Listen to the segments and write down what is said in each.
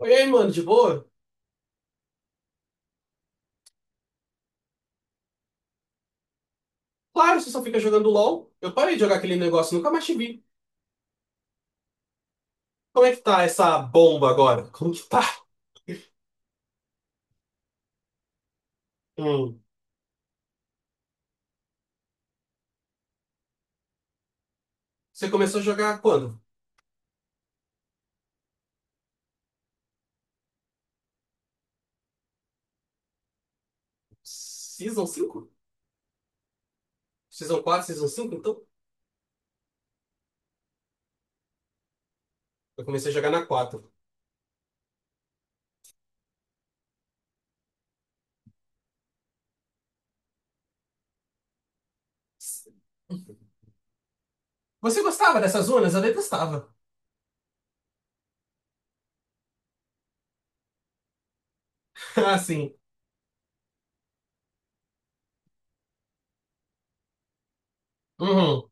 E aí, mano, de boa? Claro, você só fica jogando LOL. Eu parei de jogar aquele negócio, nunca mais te vi. Como é que tá essa bomba agora? Como que tá? Hum. Você começou a jogar quando? Season 5, Season 4, Season cinco então? Eu comecei a jogar na quatro. Você gostava dessas zonas? Eu detestava. Ah, sim. Uhum.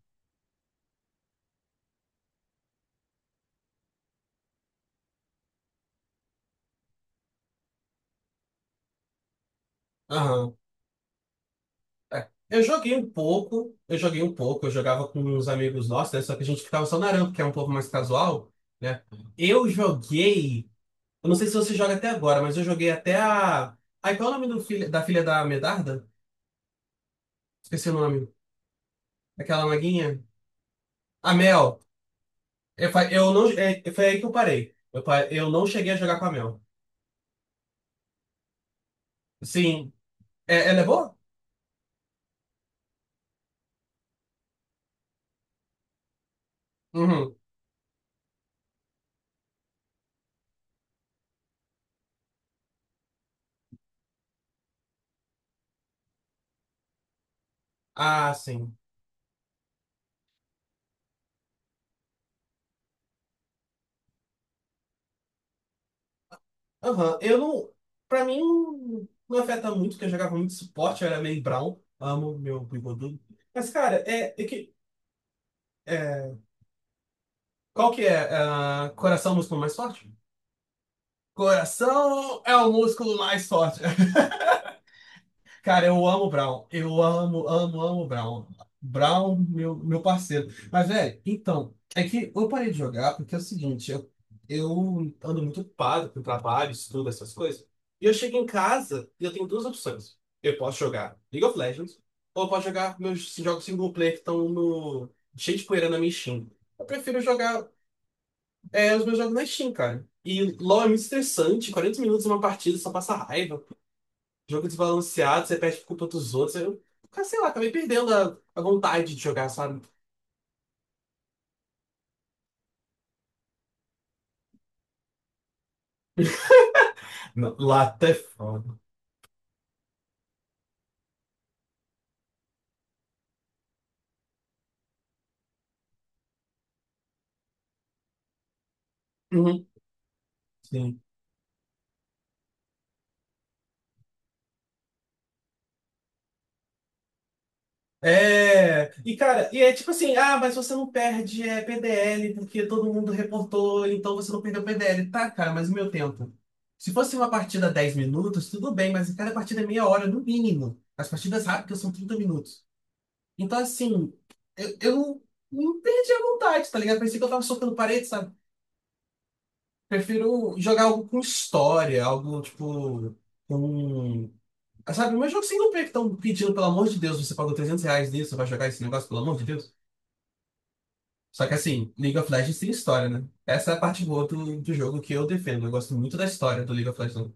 Aham. É. Eu joguei um pouco, eu jogava com uns amigos nossos, né? Só que a gente ficava só na rampa, que é um pouco mais casual, né? Eu joguei. Eu não sei se você joga até agora, mas eu joguei até a. Ai, qual é o nome do filho, da filha da Medarda? Esqueci o nome. Aquela maguinha. A Mel. Eu não, foi aí que eu parei. Eu não cheguei a jogar com a Mel. Sim. É, ela é boa? Uhum. Ah, sim. Aham. Eu não. Pra mim, não afeta muito, porque eu jogava muito suporte, eu era meio Brown. Amo meu bigodudo. Mas, cara, é, qual que é? Ah, coração, é o músculo mais forte? Coração é o músculo mais forte. Cara, eu amo o Brown. Eu amo, amo, amo o Brown. Brown, meu parceiro. Mas, velho, então, é que eu parei de jogar porque é o seguinte, eu ando muito ocupado com trabalho, estudo, essas coisas. E eu chego em casa e eu tenho duas opções. Eu posso jogar League of Legends ou eu posso jogar meus jogos single player que estão no, cheio de poeira na minha Steam. Eu prefiro jogar os meus jogos na Steam, cara. E LoL é muito estressante, 40 minutos em uma partida só passa raiva. Jogo desbalanceado, você perde por culpa dos outros. Eu, cara, sei lá, acabei perdendo a vontade de jogar, sabe? Não, Lata é foda. Uhum. Sim. É, e cara, e é tipo assim, ah, mas você não perde PDL porque todo mundo reportou, então você não perdeu PDL. Tá, cara, mas e meu tempo? Se fosse uma partida 10 minutos, tudo bem, mas cada partida é meia hora, no mínimo. As partidas rápidas são 30 minutos. Então, assim, eu não perdi a vontade, tá ligado? Parecia que eu tava soltando parede, sabe? Prefiro jogar algo com história, algo tipo com. Ah, sabe, mas jogo single player que estão pedindo, pelo amor de Deus, você pagou R$ 300 nisso, você vai jogar esse negócio, pelo amor de Deus. Só que assim, League of Legends tem história, né? Essa é a parte boa do jogo que eu defendo. Eu gosto muito da história do League of Legends.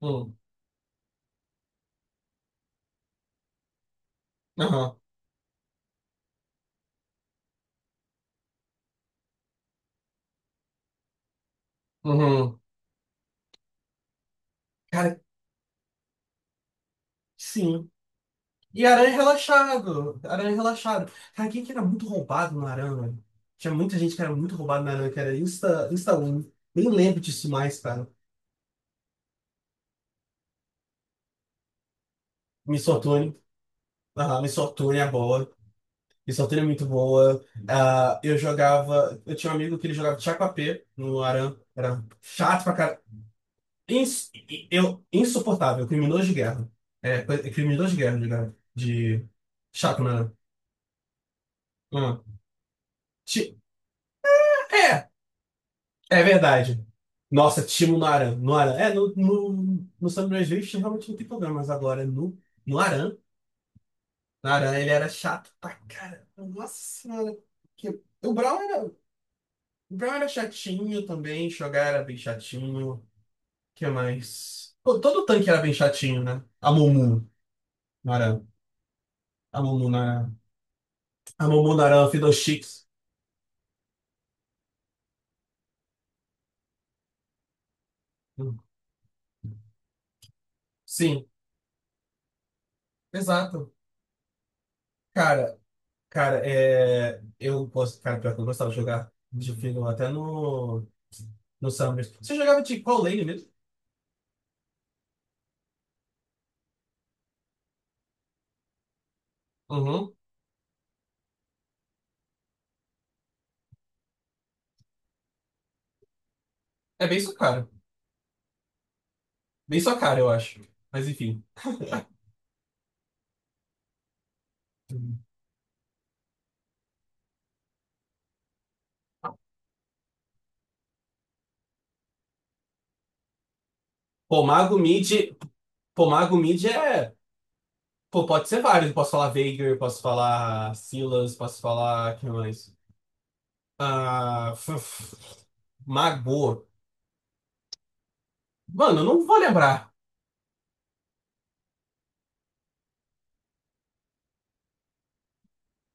Hum. Aham. Uhum. Cara, sim. E Aranha relaxado. Aranha relaxado. Cara, quem que era muito roubado no Aranha, velho? Tinha muita gente que era muito roubado no Aranha, que era Insta, Insta 1. Nem lembro disso mais, cara. Miss Otone. Ah, Miss Fortune é boa. Miss Fortune é muito boa. Ah, eu jogava. Eu tinha um amigo que ele jogava Tchakwapê no Aran. Era chato pra caralho. Insuportável. Criminoso de guerra. É criminoso de guerra, guerra, de chato no Aran. Ah, ti- é, é verdade. Nossa, Timo no Aran. No Aran. É, no San Andreas Rift realmente não tem problema, mas agora no Aran. No Aran ele era chato pra caramba. Nossa senhora. Que- O Brown era. Brown era chatinho também, Shogar era bem chatinho. O que mais? Pô, todo tanque era bem chatinho, né? A Mumu não era. A Mumu não era. A Mumu não era Fiddlesticks. Hum. Sim, exato. Cara, cara, é. Eu posso. Cara, pior que eu gostava de jogar de Fiddle até no Summer. Você jogava de qual lane mesmo? Uhum. É bem sua cara. Bem sua cara, eu acho. Mas enfim. Pô, Mago Mid. Pô, Mago Mid é. Pô, pode ser vários. Eu posso falar Veigar, posso falar Silas, posso falar. Quem mais? Ah, f- f- Magô. Mano, eu não vou lembrar.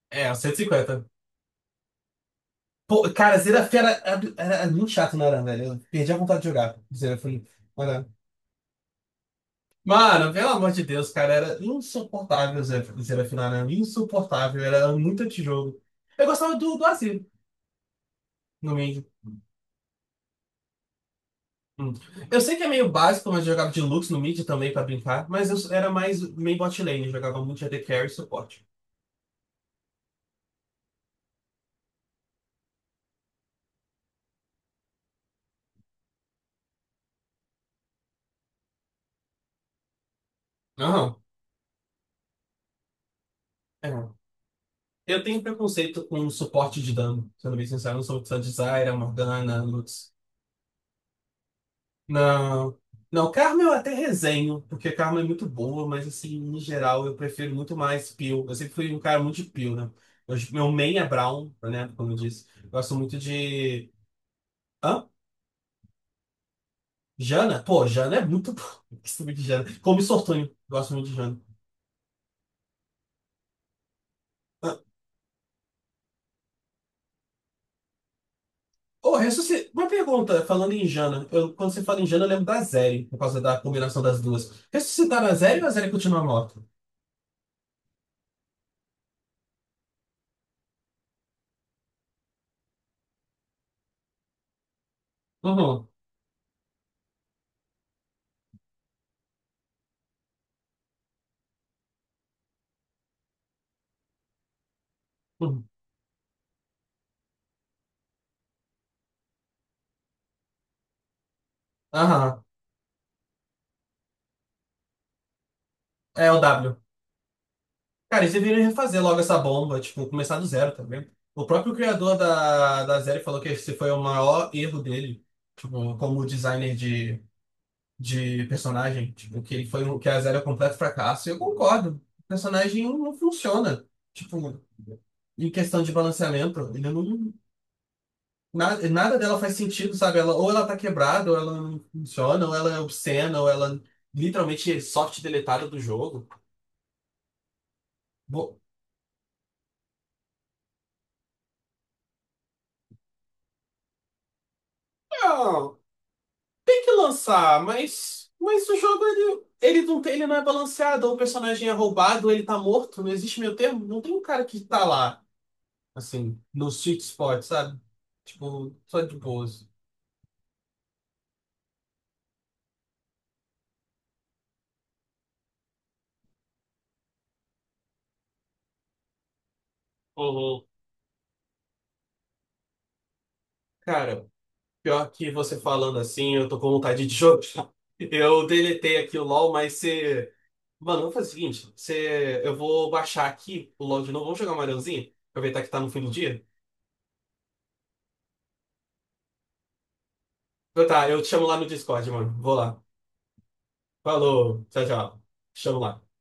É, o 150. Pô, cara, Zerafera era muito chato, não era, velho? Eu perdi a vontade de jogar. Zerafim. Mano, mano, pelo amor de Deus, cara, era insuportável Zerafim, era insuportável, era muito antijogo. Eu gostava do Azir, no meio. Hum. Eu sei que é meio básico, mas eu jogava de Lux no mid também pra brincar, mas eu era mais meio bot lane, eu jogava muito AD Carry e suporte. Aham. É. Eu tenho preconceito com suporte de dano, sendo bem sincero, eu não sou muito fã de Zyra, Morgana, Lux. Não. Não, Carmen eu até resenho, porque Carmen é muito boa, mas assim, em geral, eu prefiro muito mais Peel. Eu sempre fui um cara muito de Peel, né? Meu main é Brown, né? Como eu disse. Eu gosto muito de. Hã? Jana? Pô, Jana é muito boa. Eu gosto muito de Jana. Como Sortunho, gosto muito de Jana. Hã? Ô, uma pergunta, falando em Jana. Quando você fala em Jana, eu lembro da Zeri, por causa da combinação das duas. Ressuscitar a Zeri ou a Zeri continua morta? Uhum. Uhum. Aham. É o W. Cara, eles deveriam refazer logo essa bomba, tipo, começar do zero, tá vendo? O próprio criador da série falou que esse foi o maior erro dele, tipo, como designer de personagem, tipo, que ele foi um, que a série é um completo fracasso. E eu concordo. O personagem não funciona, tipo, em questão de balanceamento, ele não. Nada dela faz sentido, sabe? Ela, ou ela tá quebrada, ou ela não funciona, ou ela é obscena, ou ela literalmente é soft deletada do jogo. Bo- Tem que lançar, mas, o jogo ele não tem, ele não é balanceado, ou o personagem é roubado, ou ele tá morto, não existe meio termo, não tem um cara que tá lá, assim, no sweet spot, sabe? Tipo, só de boas. Uhum. Cara, pior que você falando assim, eu tô com vontade de jogar. Eu deletei aqui o LoL, mas você. Mano, eu fazer o seguinte: você, eu vou baixar aqui o LoL de novo, vamos jogar um Marãozinho? Aproveitar que tá no fim do dia? Então tá, eu te chamo lá no Discord, mano. Vou lá. Falou, tchau, tchau. Chama lá.